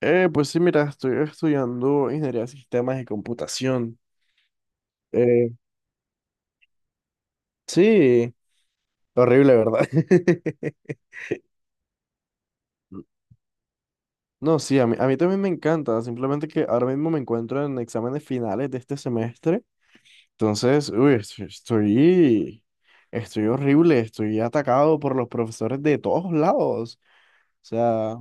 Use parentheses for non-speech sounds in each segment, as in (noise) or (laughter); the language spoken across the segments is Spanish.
Pues sí, mira, estoy estudiando ingeniería de sistemas y computación. Eh, sí, horrible, ¿verdad? (laughs) No, sí, a mí también me encanta, simplemente que ahora mismo me encuentro en exámenes finales de este semestre. Entonces, uy, estoy horrible, estoy atacado por los profesores de todos lados. O sea,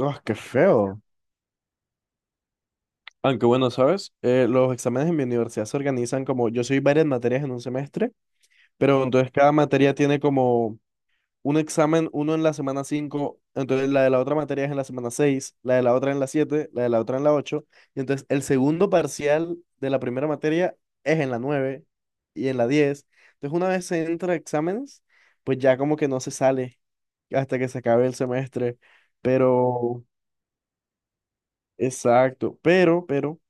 ¡ah, qué feo! Aunque bueno, ¿sabes? Los exámenes en mi universidad se organizan como, yo soy varias materias en un semestre, pero entonces cada materia tiene como un examen: uno en la semana 5, entonces la de la otra materia es en la semana 6, la de la otra en la 7, la de la otra en la 8, y entonces el segundo parcial de la primera materia es en la 9 y en la 10. Entonces una vez se entra a exámenes, pues ya como que no se sale hasta que se acabe el semestre, pero, exacto, pero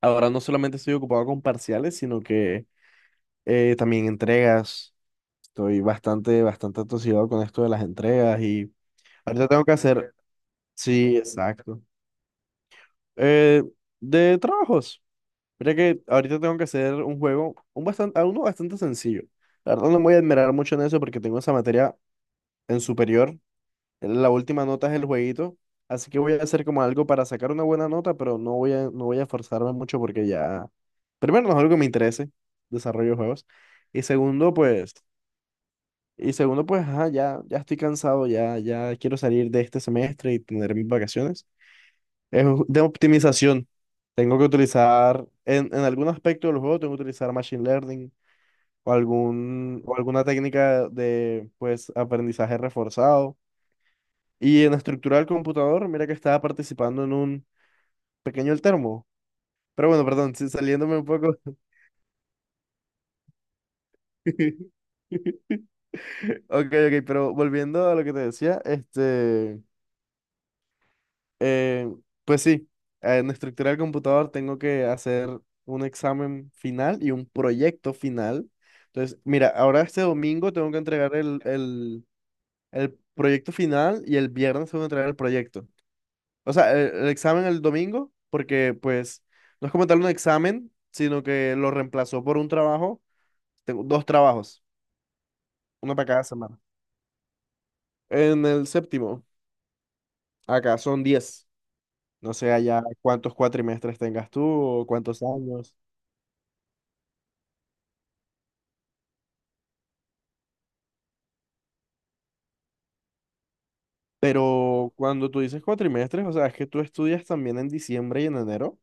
ahora no solamente estoy ocupado con parciales, sino que también entregas. Estoy bastante, bastante atosigado con esto de las entregas y ahorita tengo que hacer. Sí, exacto. Eh, de trabajos. Mira que ahorita tengo que hacer un juego, uno bastante sencillo. La verdad no me voy a admirar mucho en eso porque tengo esa materia en superior. La última nota es el jueguito. Así que voy a hacer como algo para sacar una buena nota, pero no voy a esforzarme mucho porque ya. Primero, no es algo que me interese, desarrollo de juegos. Y segundo, pues. Y segundo, pues, ajá, ya estoy cansado, ya quiero salir de este semestre y tener mis vacaciones. Es de optimización. Tengo que utilizar, en algún aspecto del juego, tengo que utilizar machine learning o, alguna técnica de, pues, aprendizaje reforzado. Y en estructura del computador, mira que estaba participando en un pequeño termo. Pero bueno, perdón, sí, saliéndome un poco. (laughs) Ok, ok, pero volviendo a lo que te decía, Eh, pues sí, en estructura del computador tengo que hacer un examen final y un proyecto final. Entonces, mira, ahora este domingo tengo que entregar el proyecto final y el viernes tengo que entregar el proyecto. O sea, el examen el domingo, porque pues no es como tal un examen, sino que lo reemplazó por un trabajo. Tengo dos trabajos, uno para cada semana. En el séptimo, acá son 10. No sé allá cuántos cuatrimestres tengas tú o cuántos años. Pero cuando tú dices cuatrimestres, o sea, es que tú estudias también en diciembre y en enero.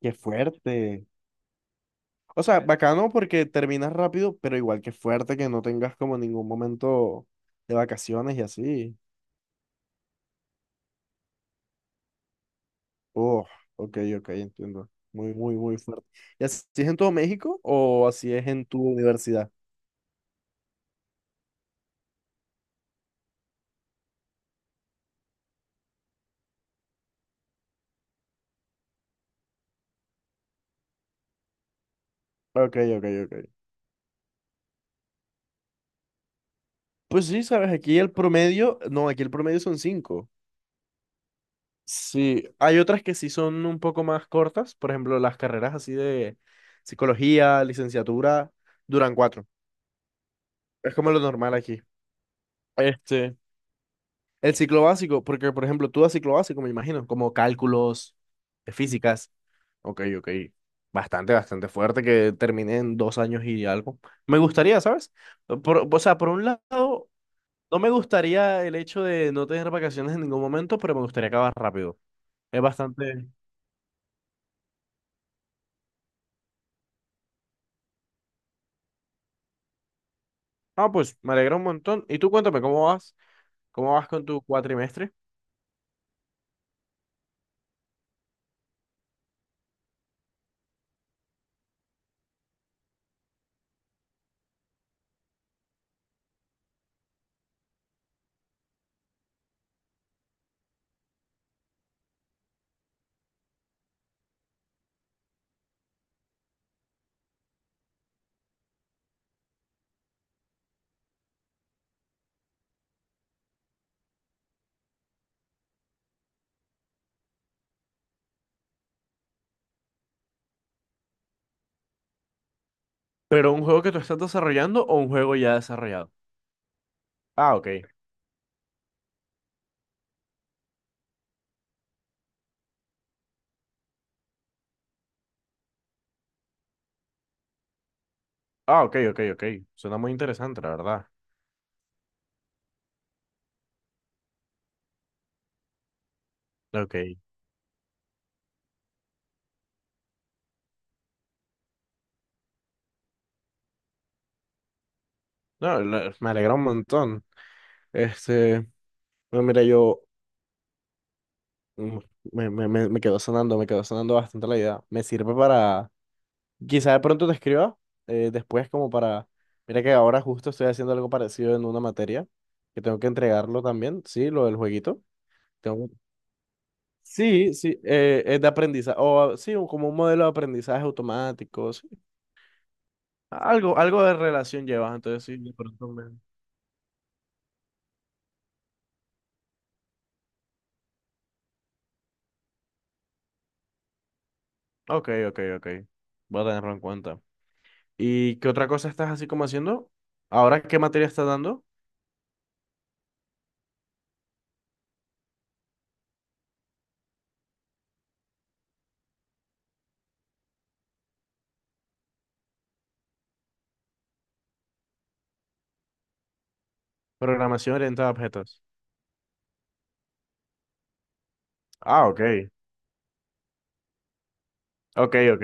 Qué fuerte. O sea, bacano porque terminas rápido, pero igual que fuerte que no tengas como ningún momento de vacaciones y así. Oh, ok, ok, entiendo. Muy, muy, muy fuerte. ¿Y así es en todo México o así es en tu universidad? Ok, ok, ok. Pues sí, sabes, aquí el promedio, no, aquí el promedio son 5. Sí, hay otras que sí son un poco más cortas, por ejemplo, las carreras así de psicología, licenciatura, duran 4. Es como lo normal aquí. Este, el ciclo básico, porque por ejemplo, tú das ciclo básico, me imagino, como cálculos, físicas. Ok, ok. Bastante, bastante fuerte que terminé en 2 años y algo. Me gustaría, ¿sabes? O sea, por un lado, no me gustaría el hecho de no tener vacaciones en ningún momento, pero me gustaría acabar rápido. Es bastante. Ah, pues me alegra un montón. Y tú cuéntame, ¿cómo vas? ¿Cómo vas con tu cuatrimestre? ¿Pero un juego que tú estás desarrollando o un juego ya desarrollado? Ah, ok. Ah, ok, ok, ok. Suena muy interesante, la verdad. Ok. No, me alegra un montón. Este, no, mira, yo mm, me quedó sonando bastante la idea. Me sirve para, quizá de pronto te escriba después como para, mira que ahora justo estoy haciendo algo parecido en una materia, que tengo que entregarlo también, sí, lo del jueguito. Tengo. Sí, sí, es de aprendizaje, o ah, sí, como un modelo de aprendizaje automático, sí. Algo, algo de relación llevas, entonces sí, de pronto me... Ok, ok, ok. Voy a tenerlo en cuenta. ¿Y qué otra cosa estás así como haciendo? ¿Ahora qué materia estás dando? Programación orientada a objetos. Ah, ok. Ok, ok.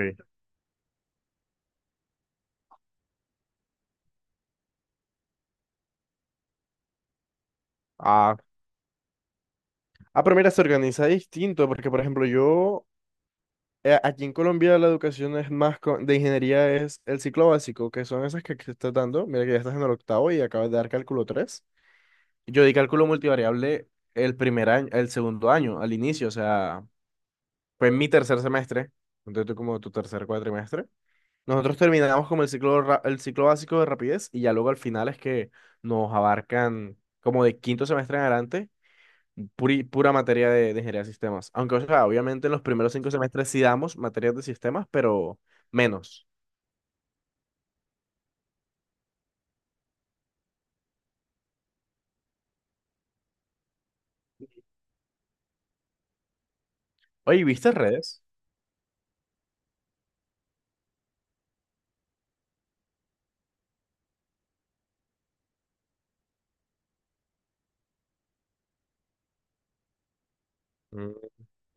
Ah, ah, pero mira, se organiza distinto, porque por ejemplo yo, aquí en Colombia la educación es más, de ingeniería es el ciclo básico, que son esas que, estás dando. Mira que ya estás en el octavo y acabas de dar cálculo 3. Yo di cálculo multivariable el primer año, el segundo año, al inicio, o sea, fue en mi tercer semestre, entonces tú como tu tercer cuatrimestre. Nosotros terminamos como el ciclo, el ciclo básico de rapidez y ya luego al final es que nos abarcan como de quinto semestre en adelante, pura materia de, ingeniería de sistemas. Aunque, o sea, obviamente en los primeros 5 semestres sí damos materias de sistemas, pero menos. Oye, ¿viste redes? Mm,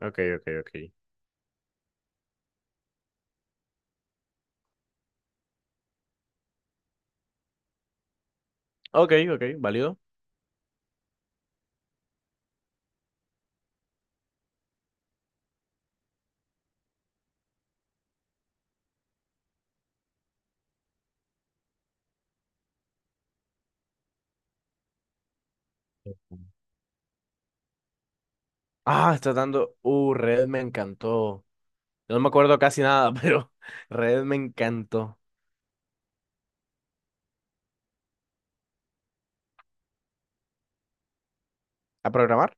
ok, ok, ok. Ok, ok, válido. Ah, está dando. Red me encantó. No me acuerdo casi nada, (laughs) pero red me encantó. ¿A programar?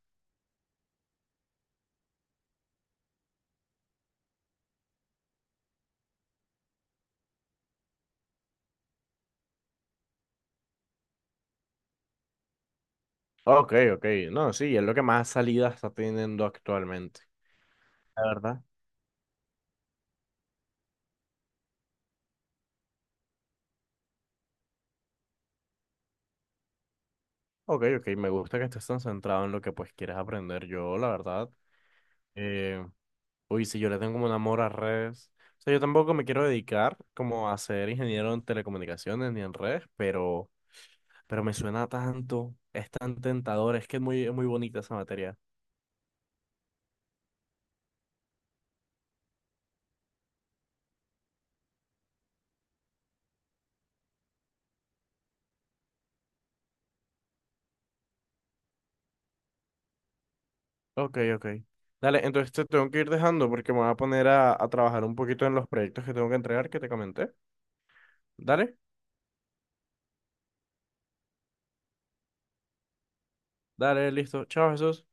Ok, ok. No, sí, es lo que más salidas está teniendo actualmente. La verdad. Ok, ok. Me gusta que estés tan centrado en lo que pues quieres aprender. Yo, la verdad, eh, uy, si yo le tengo como un amor a redes. O sea, yo tampoco me quiero dedicar como a ser ingeniero en telecomunicaciones ni en redes, pero me suena tanto. Es tan tentador. Es que es muy bonita esa materia. Ok, ok. Dale, entonces te tengo que ir dejando porque me voy a poner a trabajar un poquito en los proyectos que tengo que entregar que te comenté. Dale, dale, listo. Chao, Jesús.